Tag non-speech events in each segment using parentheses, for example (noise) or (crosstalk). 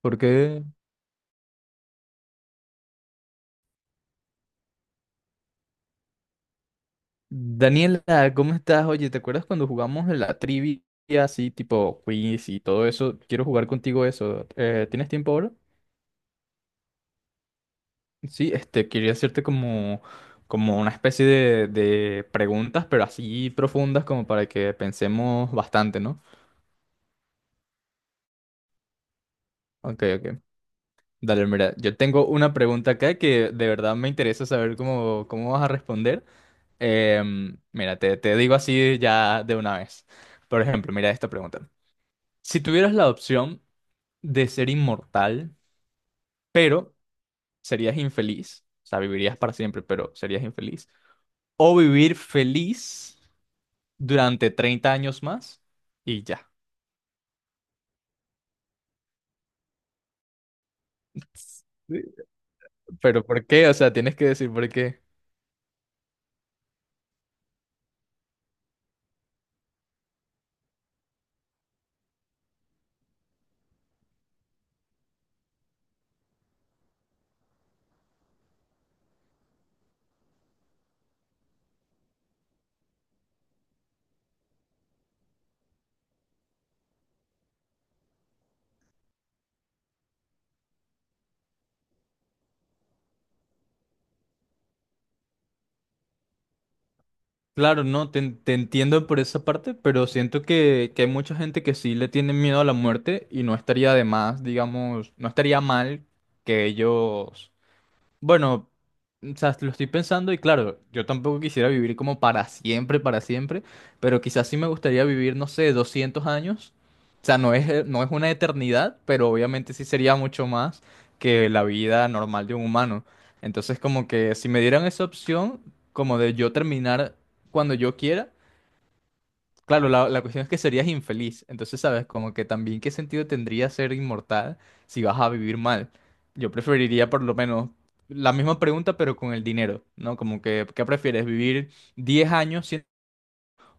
Porque, Daniela, ¿cómo estás? Oye, ¿te acuerdas cuando jugamos en la trivia así, tipo quiz y todo eso? Quiero jugar contigo eso. ¿Tienes tiempo ahora? Sí, este, quería hacerte como, una especie de preguntas, pero así profundas como para que pensemos bastante, ¿no? Ok, ok. Dale, mira, yo tengo una pregunta acá que de verdad me interesa saber cómo, vas a responder. Mira, te digo así ya de una vez. Por ejemplo, mira esta pregunta. Si tuvieras la opción de ser inmortal, pero serías infeliz, o sea, vivirías para siempre, pero serías infeliz, o vivir feliz durante 30 años más y ya. Sí. Pero ¿por qué? O sea, tienes que decir por qué. Claro, no, te, entiendo por esa parte, pero siento que hay mucha gente que sí le tiene miedo a la muerte y no estaría de más, digamos, no estaría mal que ellos. Bueno, o sea, lo estoy pensando y claro, yo tampoco quisiera vivir como para siempre, pero quizás sí me gustaría vivir, no sé, 200 años. O sea, no es, no es una eternidad, pero obviamente sí sería mucho más que la vida normal de un humano. Entonces, como que si me dieran esa opción, como de yo terminar cuando yo quiera. Claro, la cuestión es que serías infeliz. Entonces, ¿sabes? Como que también qué sentido tendría ser inmortal si vas a vivir mal. Yo preferiría por lo menos la misma pregunta, pero con el dinero, ¿no? Como que, ¿qué prefieres? ¿Vivir 10 años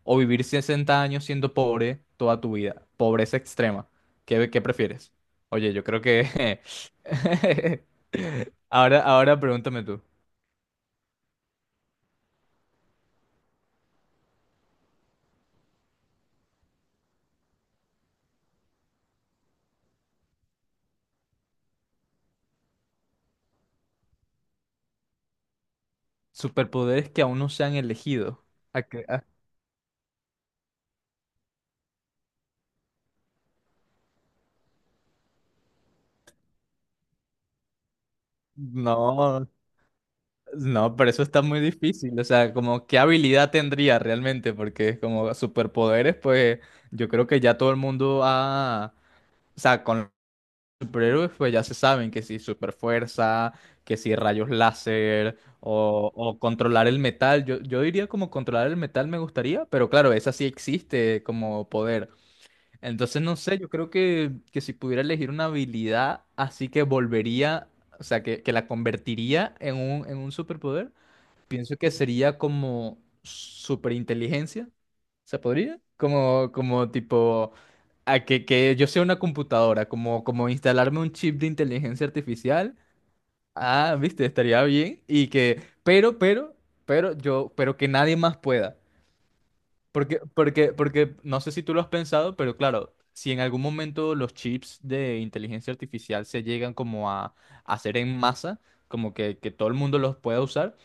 o vivir 60 años siendo pobre toda tu vida? Pobreza extrema. ¿Qué prefieres? Oye, yo creo que... (laughs) Ahora, ahora pregúntame tú. Superpoderes que aún no se han elegido. ¿A qué? No. No, pero eso está muy difícil. O sea, como qué habilidad tendría realmente, porque es como superpoderes, pues yo creo que ya todo el mundo ha, o sea, con los superhéroes, pues ya se saben que si superfuerza, que si rayos láser, o, controlar el metal. yo diría como controlar el metal me gustaría, pero claro, esa sí existe como poder. Entonces, no sé, yo creo que, si pudiera elegir una habilidad, así que volvería, o sea, que, la convertiría en un superpoder. Pienso que sería como superinteligencia, ¿se podría? Como, como, tipo, a que yo sea una computadora, como instalarme un chip de inteligencia artificial. Ah, viste, estaría bien. Y que, pero yo, pero que nadie más pueda. Porque no sé si tú lo has pensado, pero claro, si en algún momento los chips de inteligencia artificial se llegan como a, hacer en masa, como que todo el mundo los pueda usar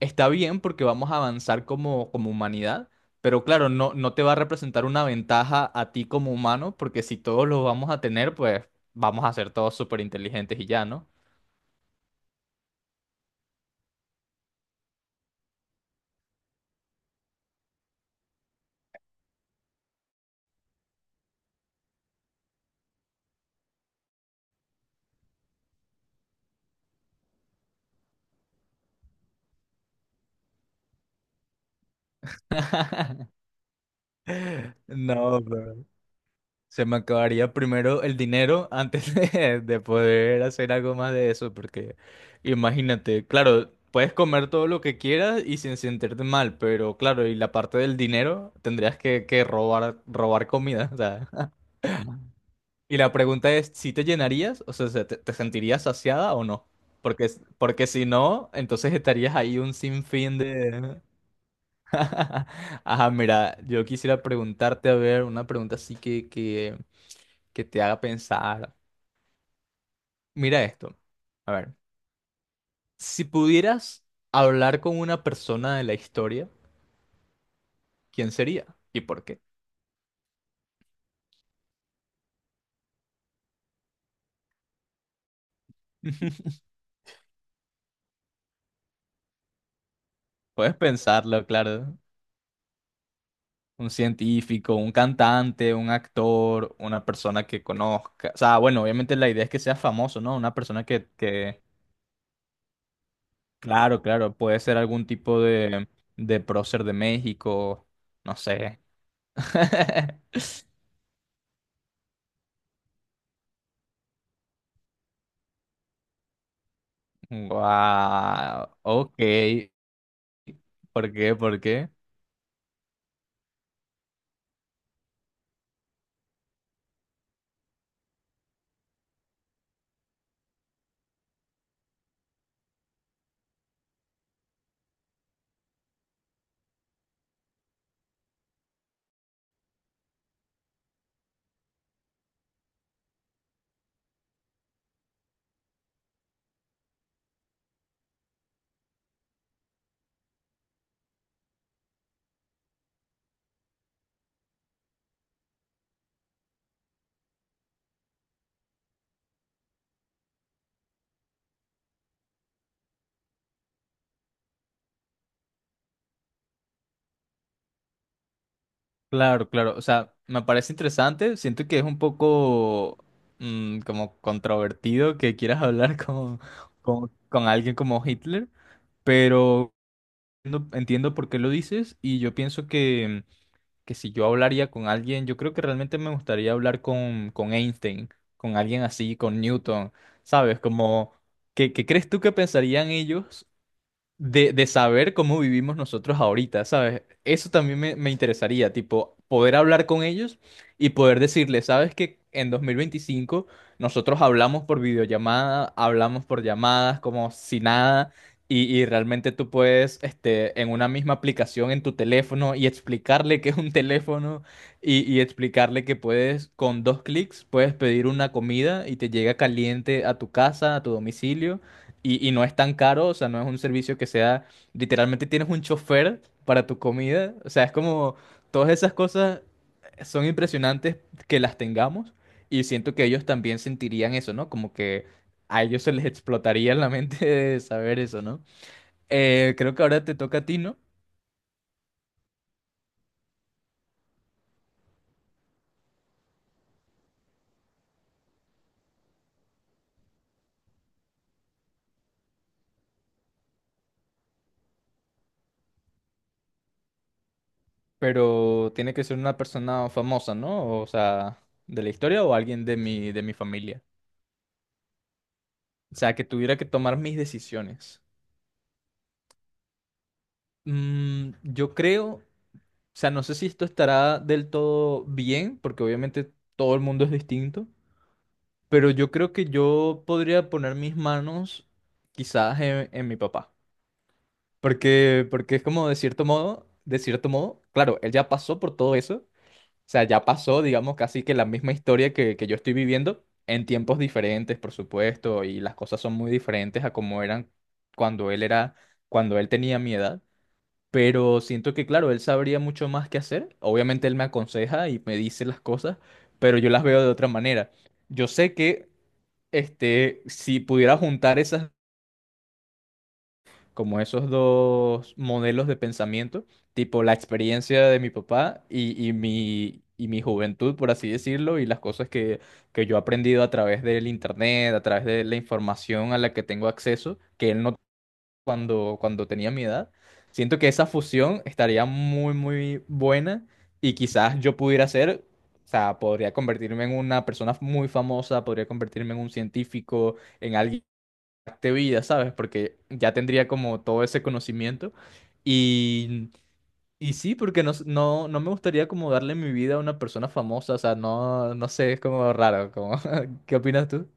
está bien porque vamos a avanzar como humanidad, pero claro, no, no te va a representar una ventaja a ti como humano, porque si todos lo vamos a tener, pues vamos a ser todos súper inteligentes y ya, ¿no? (laughs) No, bro. Se me acabaría primero el dinero antes de, poder hacer algo más de eso, porque imagínate, claro, puedes comer todo lo que quieras y sin sentirte mal, pero claro, y la parte del dinero tendrías que robar, robar comida, o sea. Y la pregunta es, ¿si te llenarías? O sea, ¿te sentirías saciada o no? Porque si no, entonces estarías ahí un sinfín de... (laughs) Ajá, mira, yo quisiera preguntarte, a ver, una pregunta así que te haga pensar. Mira esto. A ver, si pudieras hablar con una persona de la historia, ¿quién sería? ¿Y por qué? (laughs) Puedes pensarlo, claro. Un científico, un cantante, un actor, una persona que conozca. O sea, bueno, obviamente la idea es que sea famoso, ¿no? Una persona que, claro, claro, puede ser algún tipo de prócer de México, no sé. (laughs) Wow, ok. ¿Por qué? ¿Por qué? Claro, claro. O sea, me parece interesante. Siento que es un poco como controvertido que quieras hablar (laughs) con, alguien como Hitler, pero entiendo, entiendo por qué lo dices y yo pienso que si yo hablaría con alguien, yo creo que realmente me gustaría hablar con, Einstein, con alguien así, con Newton, ¿sabes? Como, ¿qué, crees tú que pensarían ellos de saber cómo vivimos nosotros ahorita, ¿sabes? Eso también me interesaría, tipo, poder hablar con ellos y poder decirles, ¿sabes que en 2025 nosotros hablamos por videollamada, hablamos por llamadas, como si nada, y, realmente tú puedes, este, en una misma aplicación en tu teléfono y explicarle que es un teléfono y explicarle que puedes, con dos clics, puedes pedir una comida y te llega caliente a tu casa, a tu domicilio y no es tan caro, o sea, no es un servicio que sea, literalmente tienes un chofer para tu comida, o sea, es como todas esas cosas son impresionantes que las tengamos y siento que ellos también sentirían eso, ¿no? Como que a ellos se les explotaría la mente (laughs) de saber eso, ¿no? Creo que ahora te toca a ti, ¿no? Pero tiene que ser una persona famosa, ¿no? O sea, de la historia o alguien de mi, familia. O sea, que tuviera que tomar mis decisiones. Yo creo. O sea, no sé si esto estará del todo bien, porque obviamente todo el mundo es distinto, pero yo creo que yo podría poner mis manos quizás en, mi papá. Porque es como de cierto modo, claro, él ya pasó por todo eso. O sea, ya pasó, digamos, casi que la misma historia que yo estoy viviendo, en tiempos diferentes, por supuesto, y las cosas son muy diferentes a como eran cuando él era, cuando él tenía mi edad. Pero siento que, claro, él sabría mucho más qué hacer. Obviamente él me aconseja y me dice las cosas, pero yo las veo de otra manera. Yo sé que, este, si pudiera juntar esas, como esos dos modelos de pensamiento, tipo la experiencia de mi papá y, y mi juventud, por así decirlo, y las cosas que yo he aprendido a través del internet, a través de la información a la que tengo acceso, que él no cuando tenía mi edad. Siento que esa fusión estaría muy, muy buena y quizás yo pudiera ser, o sea, podría convertirme en una persona muy famosa, podría convertirme en un científico, en alguien de vida, ¿sabes? Porque ya tendría como todo ese conocimiento y... Y sí, porque no me gustaría como darle mi vida a una persona famosa, o sea, no, no sé, es como raro, como, (laughs) ¿qué opinas tú?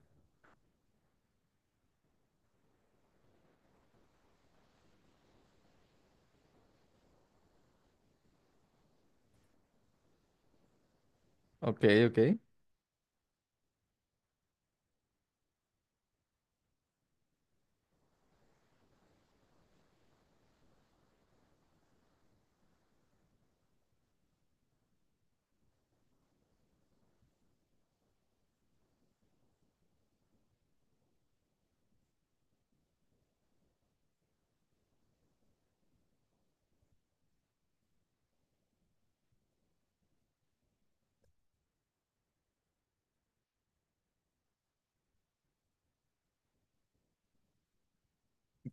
Ok, ok.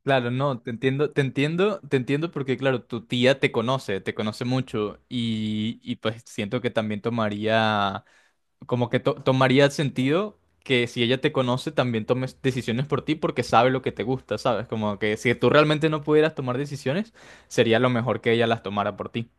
Claro, no, te entiendo, te entiendo, te entiendo porque, claro, tu tía te conoce mucho y, pues siento que también tomaría, como que tomaría sentido que si ella te conoce también tomes decisiones por ti porque sabe lo que te gusta, ¿sabes? Como que si tú realmente no pudieras tomar decisiones, sería lo mejor que ella las tomara por ti.